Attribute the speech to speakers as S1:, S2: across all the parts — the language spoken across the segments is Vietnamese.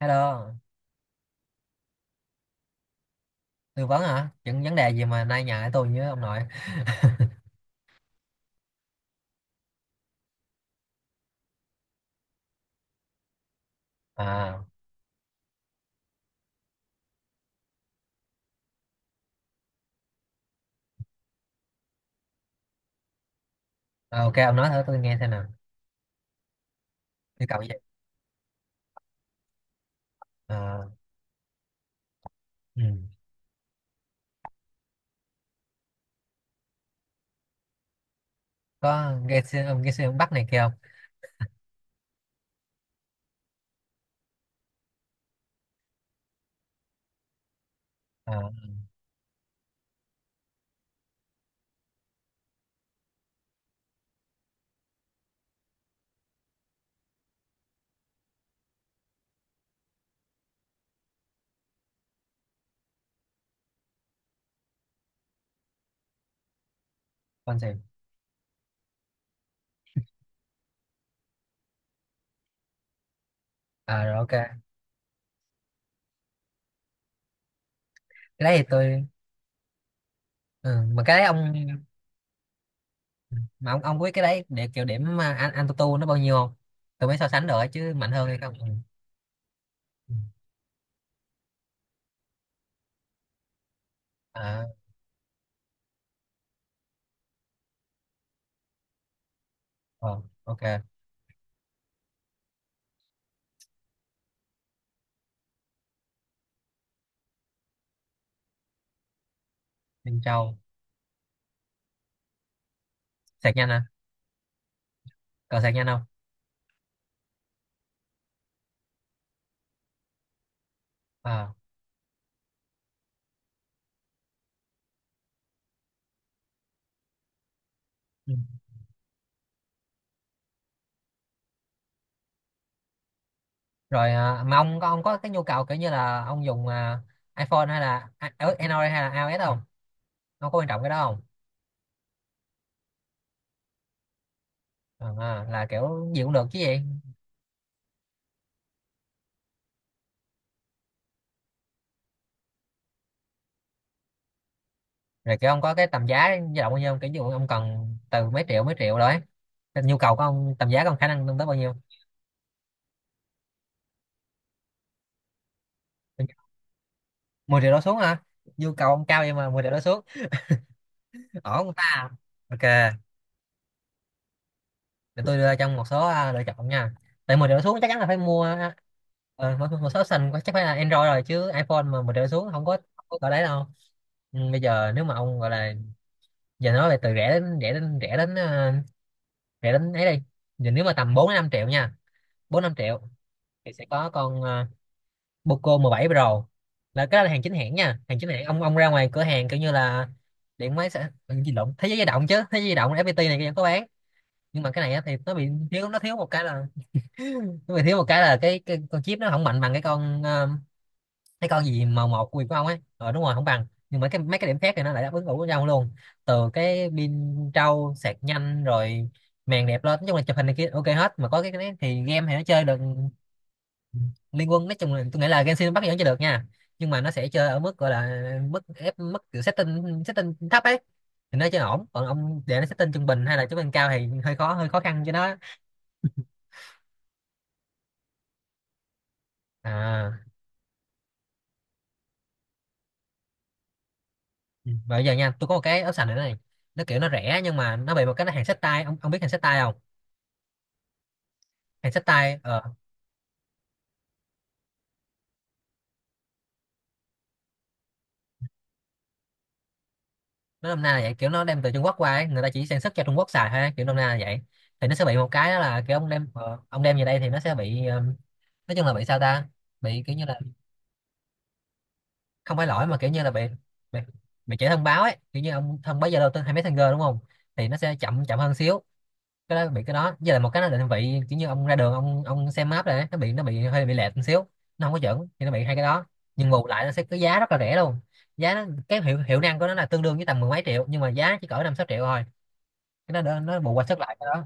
S1: Hello, tư vấn hả? Những vấn đề gì mà nay nhờ tới tôi với ông nội? À, ờ, ok ông nói thử tôi nghe xem nào. Yêu cầu gì? À, ừ. Có nghe xuyên ông Bắc này kia không? À, con gì? À, rồi ok. Cái đấy thì tôi ừ, mà cái đấy ông mà ông biết cái đấy để kiểu điểm à, anh tu tu nó bao nhiêu không? Tôi mới so sánh được ấy, chứ mạnh hơn hay không? Ừ. ừ. À, ờ, ok. Minh Châu. Sạc nhanh à? Còn sạc nhanh không? À, ừ. Rồi à, mà ông có cái nhu cầu kiểu như là ông dùng à, iPhone hay là à, ở Android hay là iOS không, ông có quan trọng cái đó không? À, là kiểu gì cũng được chứ gì? Rồi kiểu ông có cái tầm giá dao động bao nhiêu không? Kiểu như ông cần từ mấy triệu rồi ấy. Cái nhu cầu của ông tầm giá của ông khả năng lên tới bao nhiêu? 10 triệu đổ xuống hả? Nhu cầu ông cao vậy mà 10 triệu đổ xuống ổn người ta. Ok, để tôi đưa trong một số à, lựa chọn nha. Tại 10 triệu đổ xuống chắc chắn là phải mua à, một số option chắc phải là Android rồi chứ iPhone mà 10 triệu đổ xuống không có, không có cỡ đấy đâu. Nhưng bây giờ nếu mà ông gọi là giờ nói về từ rẻ đến rẻ đến ấy đây. Giờ nếu mà tầm 4-5 triệu nha, 4-5 triệu thì sẽ có con Poco 17 Pro. Là cái đó là hàng chính hãng nha, hàng chính hãng ông ra ngoài cửa hàng kiểu như là điện máy sẽ gì lộn, thế giới di động chứ thế giới di động FPT này vẫn có bán. Nhưng mà cái này á, thì nó bị thiếu, nó thiếu một cái là nó bị thiếu một cái là cái con chip nó không mạnh bằng cái con cái con gì màu một của Việt của ông ấy. Ờ đúng rồi, không bằng nhưng mà cái mấy cái điểm khác thì nó lại đáp ứng đủ với nhau luôn. Từ cái pin trâu sạc nhanh rồi màn đẹp lên, nói chung là chụp hình này kia ok hết, mà có cái, đấy thì game thì nó chơi được. Liên quân nói chung là tôi nghĩ là Genshin Impact vẫn chơi được nha. Nhưng mà nó sẽ chơi ở mức gọi là mức ép mức kiểu setting setting thấp ấy. Thì nó chơi ổn, còn ông để nó setting trung bình hay là trung bình cao thì hơi khó, hơi khó khăn cho nó. À, ừ. Và bây giờ nha, tôi có một cái áo sành nữa này. Nó kiểu nó rẻ nhưng mà nó bị một cái, nó hàng xách tay, ông biết hàng xách tay không? Hàng xách tay ờ, nó nôm na là vậy, kiểu nó đem từ Trung Quốc qua ấy. Người ta chỉ sản xuất cho Trung Quốc xài thôi ấy, kiểu nôm na là vậy. Thì nó sẽ bị một cái đó là kiểu ông đem ông đem về đây thì nó sẽ bị nói chung là bị sao ta. Bị kiểu như là không phải lỗi mà kiểu như là bị bị, bị trễ thông báo ấy, kiểu như ông thông báo Zalo tới hay Messenger đúng không. Thì nó sẽ chậm, chậm hơn xíu. Cái đó bị, cái đó với lại một cái nó định vị kiểu như ông ra đường, ông xem map này, nó bị hơi bị lệch một xíu. Nó không có chuẩn thì nó bị hai cái đó. Nhưng bù lại nó sẽ có giá rất là rẻ luôn. Giá nó, cái hiệu hiệu năng của nó là tương đương với tầm mười mấy triệu nhưng mà giá chỉ cỡ 5-6 triệu thôi. Cái đó đỡ- nó bù qua sức lại cái đó.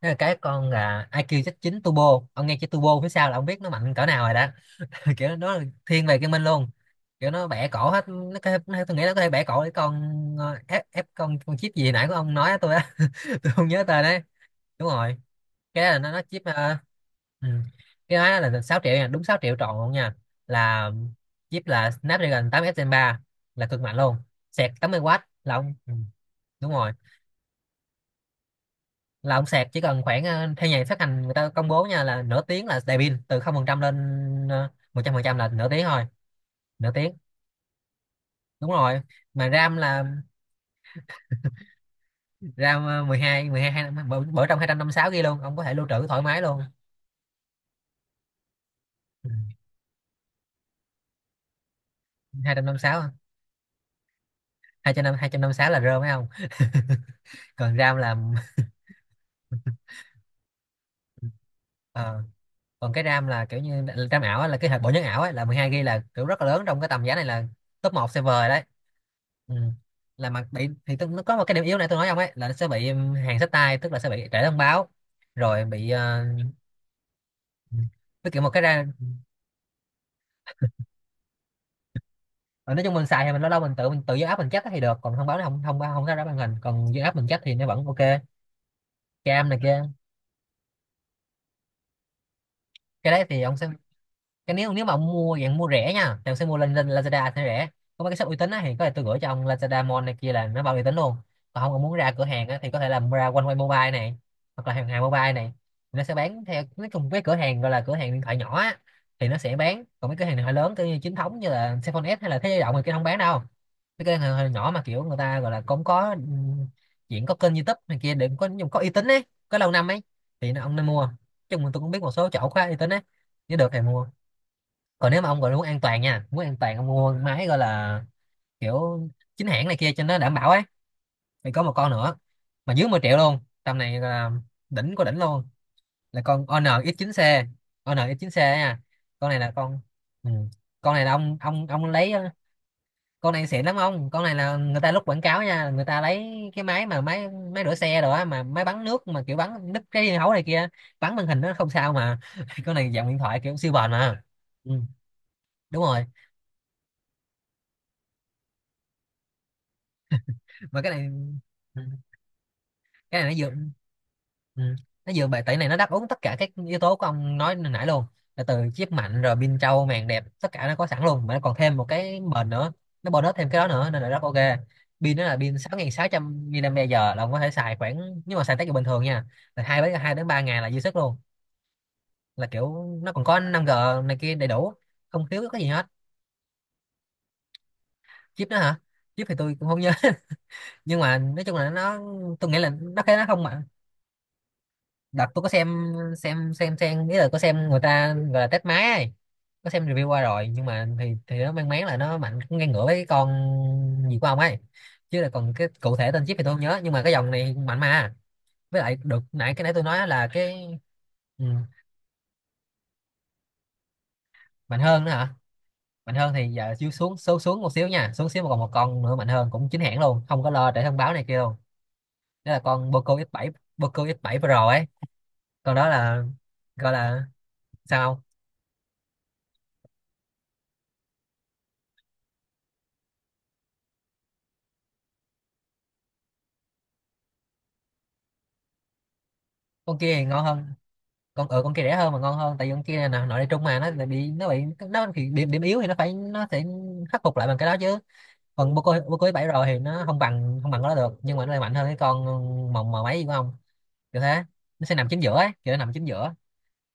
S1: Thế là cái con là IQ Z9 Turbo, ông nghe chữ Turbo phía sau là ông biết nó mạnh cỡ nào rồi đó. Kiểu nó là thiên về gaming luôn. Kiểu nó bẻ cổ hết, nó có thể- nó, tôi nghĩ nó có thể bẻ cổ cái con ép ép con chip gì nãy của ông nói á tôi á. Tôi không nhớ tên đấy. Đúng rồi, cái đó là nó chip ừ. Cái đó là 6 triệu nha, đúng 6 triệu trọn luôn nha, là chip là Snapdragon 8 Gen 3 là cực mạnh luôn. Sạc 80W là ông đúng rồi. Là ông sạc chỉ cần khoảng theo nhà phát hành người ta công bố nha, là nửa tiếng là đầy pin từ 0% lên 100%, là nửa tiếng thôi. Nửa tiếng đúng rồi. Mà RAM là RAM mười hai bổ, trong 256 GB luôn, ông có thể lưu trữ thoải mái luôn. Ừ, 256. 256 là rơ phải không? Còn RAM là, ờ, còn cái RAM là kiểu như RAM ảo á, là cái hạt bộ nhớ ảo ấy, là 12 GB là kiểu rất là lớn trong cái tầm giá này, là top một server rồi đấy. Ừ. Là mặt bị thì tôi, nó có một cái điểm yếu này tôi nói ông ấy là nó sẽ bị hàng sách tay, tức là sẽ bị trễ thông báo rồi bị với kiểu một cái ra. Ờ, nói chung mình xài thì mình lâu lâu mình tự do app mình check thì được, còn thông báo nó không thông không ra ra màn hình, còn do app mình check thì nó vẫn ok cam này kia. Cái đấy thì ông sẽ, cái nếu nếu mà ông mua dạng mua rẻ nha thì ông sẽ mua lên lên Lazada thì rẻ. Có mấy cái shop uy tín á thì có thể tôi gửi cho ông, Lazada Mall này kia là nó bao uy tín luôn. Còn không ông muốn ra cửa hàng á thì có thể là ra One Way Mobile này, hoặc là hàng hàng mobile này. Nó sẽ bán theo, nói chung cái cửa hàng gọi là cửa hàng điện thoại nhỏ á thì nó sẽ bán. Còn mấy cửa hàng điện thoại lớn kiểu như chính thống như là Cellphone S hay là Thế Giới Động thì kia không bán đâu. Mấy cửa hàng điện nhỏ mà kiểu người ta gọi là cũng có chuyện có kênh YouTube này kia để có dùng có uy tín ấy, có lâu năm ấy thì nó ông nên mua. Chung là tôi cũng biết một số chỗ khá uy tín ấy, nếu được thì mua. Còn nếu mà ông gọi là muốn an toàn nha, muốn an toàn ông mua máy gọi là kiểu chính hãng này kia cho nó đảm bảo ấy, thì có một con nữa mà dưới 10 triệu luôn, tầm này gọi là đỉnh của đỉnh luôn, là con NX9C. NX9C ấy nha. Con này là con ừ, con này là ông ông lấy con này xịn lắm ông, con này là người ta lúc quảng cáo nha, người ta lấy cái máy mà máy máy rửa xe rồi á mà máy bắn nước mà kiểu bắn đứt cái hấu này kia, bắn màn hình nó không sao mà. Con này dạng điện thoại kiểu siêu bền mà. Ừ, đúng rồi. Mà cái này ừ, cái này nó dựa ừ, nó dựa bài tẩy này, nó đáp ứng tất cả các yếu tố của ông nói hồi nãy luôn. Là từ chip mạnh rồi pin trâu màn đẹp, tất cả nó có sẵn luôn, mà nó còn thêm một cái bền nữa. Nó bonus thêm cái đó nữa nên là rất ok. Pin nó là pin 6.600 mAh là ông có thể xài khoảng, nhưng mà xài tới bình thường nha là 2-3 ngày là dư sức luôn. Là kiểu nó còn có 5G này kia đầy đủ, không thiếu cái gì hết. Chip đó hả? Chip thì tôi cũng không nhớ. Nhưng mà nói chung là nó, tôi nghĩ là nó cái nó không mạnh. Đợt tôi có xem xem nghĩa là có xem người ta gọi là test máy ấy. Có xem review qua rồi nhưng mà thì nó mang máng là nó mạnh cũng ngang ngửa với cái con gì của ông ấy, chứ là còn cái cụ thể tên chip thì tôi không nhớ, nhưng mà cái dòng này mạnh mà. Với lại được nãy cái nãy tôi nói là cái ừ, mạnh hơn nữa hả? Mạnh hơn thì giờ xíu xuống số xuống một xíu nha, xuống xíu mà còn một con nữa mạnh hơn cũng chính hãng luôn, không có lo để thông báo này kia luôn. Đó là con Poco X7, Poco X7 Pro ấy. Còn đó là gọi là sao không? Con kia thì ngon hơn, con ở con kia rẻ hơn mà ngon hơn, tại vì con kia là nội địa trung mà nó bị nó thì điểm điểm yếu thì nó sẽ khắc phục lại bằng cái đó chứ. Còn boco boco bô cô bảy rồi thì nó không bằng cái đó được, nhưng mà nó lại mạnh hơn cái con mồng mà mấy của ông, kiểu thế. Nó sẽ nằm chính giữa ấy, kiểu nó nằm chính giữa.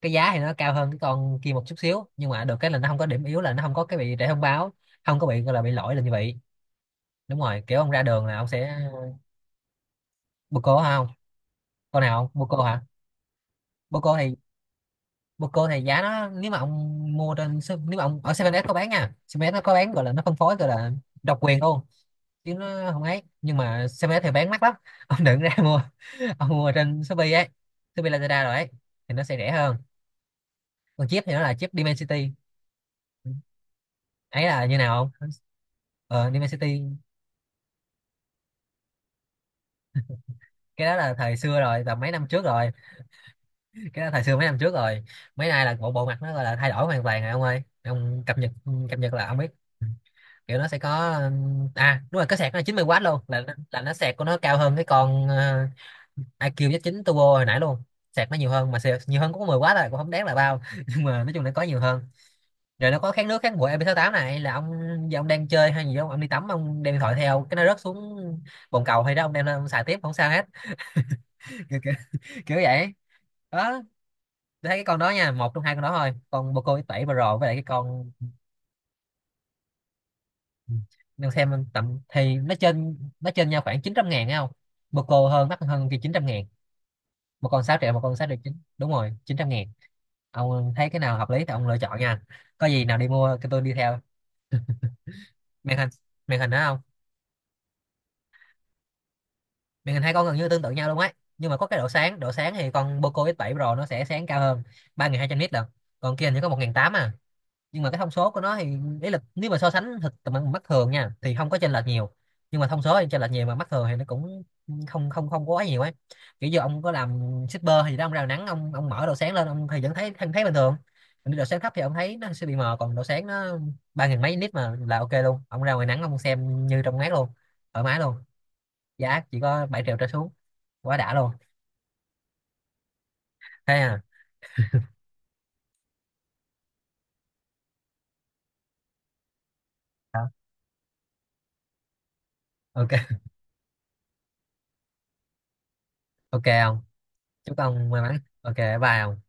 S1: Cái giá thì nó cao hơn cái con kia một chút xíu, nhưng mà được cái là nó không có điểm yếu, là nó không có cái bị trễ thông báo, không có bị gọi là bị lỗi là như vậy. Đúng rồi, kiểu ông ra đường là ông sẽ. Boco hả không? Con nào không bô hả? Boco thì bồ câu này giá nó, nếu mà ông mua trên nếu mà ông ở 7S có bán nha, 7S nó có bán, gọi là nó phân phối, gọi là độc quyền luôn, chứ nó không ấy. Nhưng mà 7S thì bán mắc lắm ông đừng ra mua, ông mua trên Shopee ấy, Shopee Lazada rồi ấy thì nó sẽ rẻ hơn. Còn chip thì nó là chip Dimensity. Ấy là như nào không? Ờ, Dimensity. Cái đó là thời xưa rồi, tầm mấy năm trước rồi, cái đó thời xưa mấy năm trước rồi. Mấy nay là bộ bộ mặt nó gọi là thay đổi hoàn toàn rồi ông ơi, ông cập nhật. Cập nhật là ông biết. Ừ. Kiểu nó sẽ có à đúng rồi, cái sạc nó là 90 W luôn, là là nó sạc của nó cao hơn cái con IQ Z9 Turbo hồi nãy luôn. Sạc nó nhiều hơn, mà sạc nhiều hơn cũng có 10 W rồi, cũng không đáng là bao nhưng mà nói chung là có nhiều hơn. Rồi nó có kháng nước kháng bụi mp tám, này là ông giờ ông đang chơi hay gì không, ông đi tắm ông đem điện thoại theo, cái nó rớt xuống bồn cầu hay đó, ông đem lên ông xài tiếp không sao hết kiểu, kiểu, kiểu vậy đó. Tôi thấy cái con đó nha, một trong hai con đó thôi, con Poco X7 Pro với lại cái con. Ừ. Đang xem tầm thì nó trên nhau khoảng 900.000 thấy không, một cô hơn mắc hơn kia 900.000, một con 6 triệu một con 6,9 triệu, đúng rồi 900.000. Ông thấy cái nào hợp lý thì ông lựa chọn nha, có gì nào đi mua cái tôi đi theo. Màn hình, màn hình đó không? Màn hình hai con gần như tương tự nhau luôn ấy, nhưng mà có cái độ sáng, độ sáng thì con Poco x bảy Pro nó sẽ sáng cao hơn, 3.200 nit được, còn kia hình như có 1.800 à. Nhưng mà cái thông số của nó thì, ý là nếu mà so sánh thực tầm mắt thường nha thì không có chênh lệch nhiều. Nhưng mà thông số thì chênh lệch nhiều, mà mắt thường thì nó cũng không không không có quá nhiều ấy. Kiểu như ông có làm shipper thì đó, ông ra nắng, ông mở độ sáng lên ông thì vẫn thấy bình thường. Còn độ sáng thấp thì ông thấy nó sẽ bị mờ, còn độ sáng nó ba nghìn mấy nít mà là ok luôn, ông ra ngoài nắng ông xem như trong mát luôn, thoải mái luôn. Giá chỉ có 7 triệu trở xuống, quá đã luôn. Thế à. Ok ok không. Chúc ông may mắn, ok, bye ông.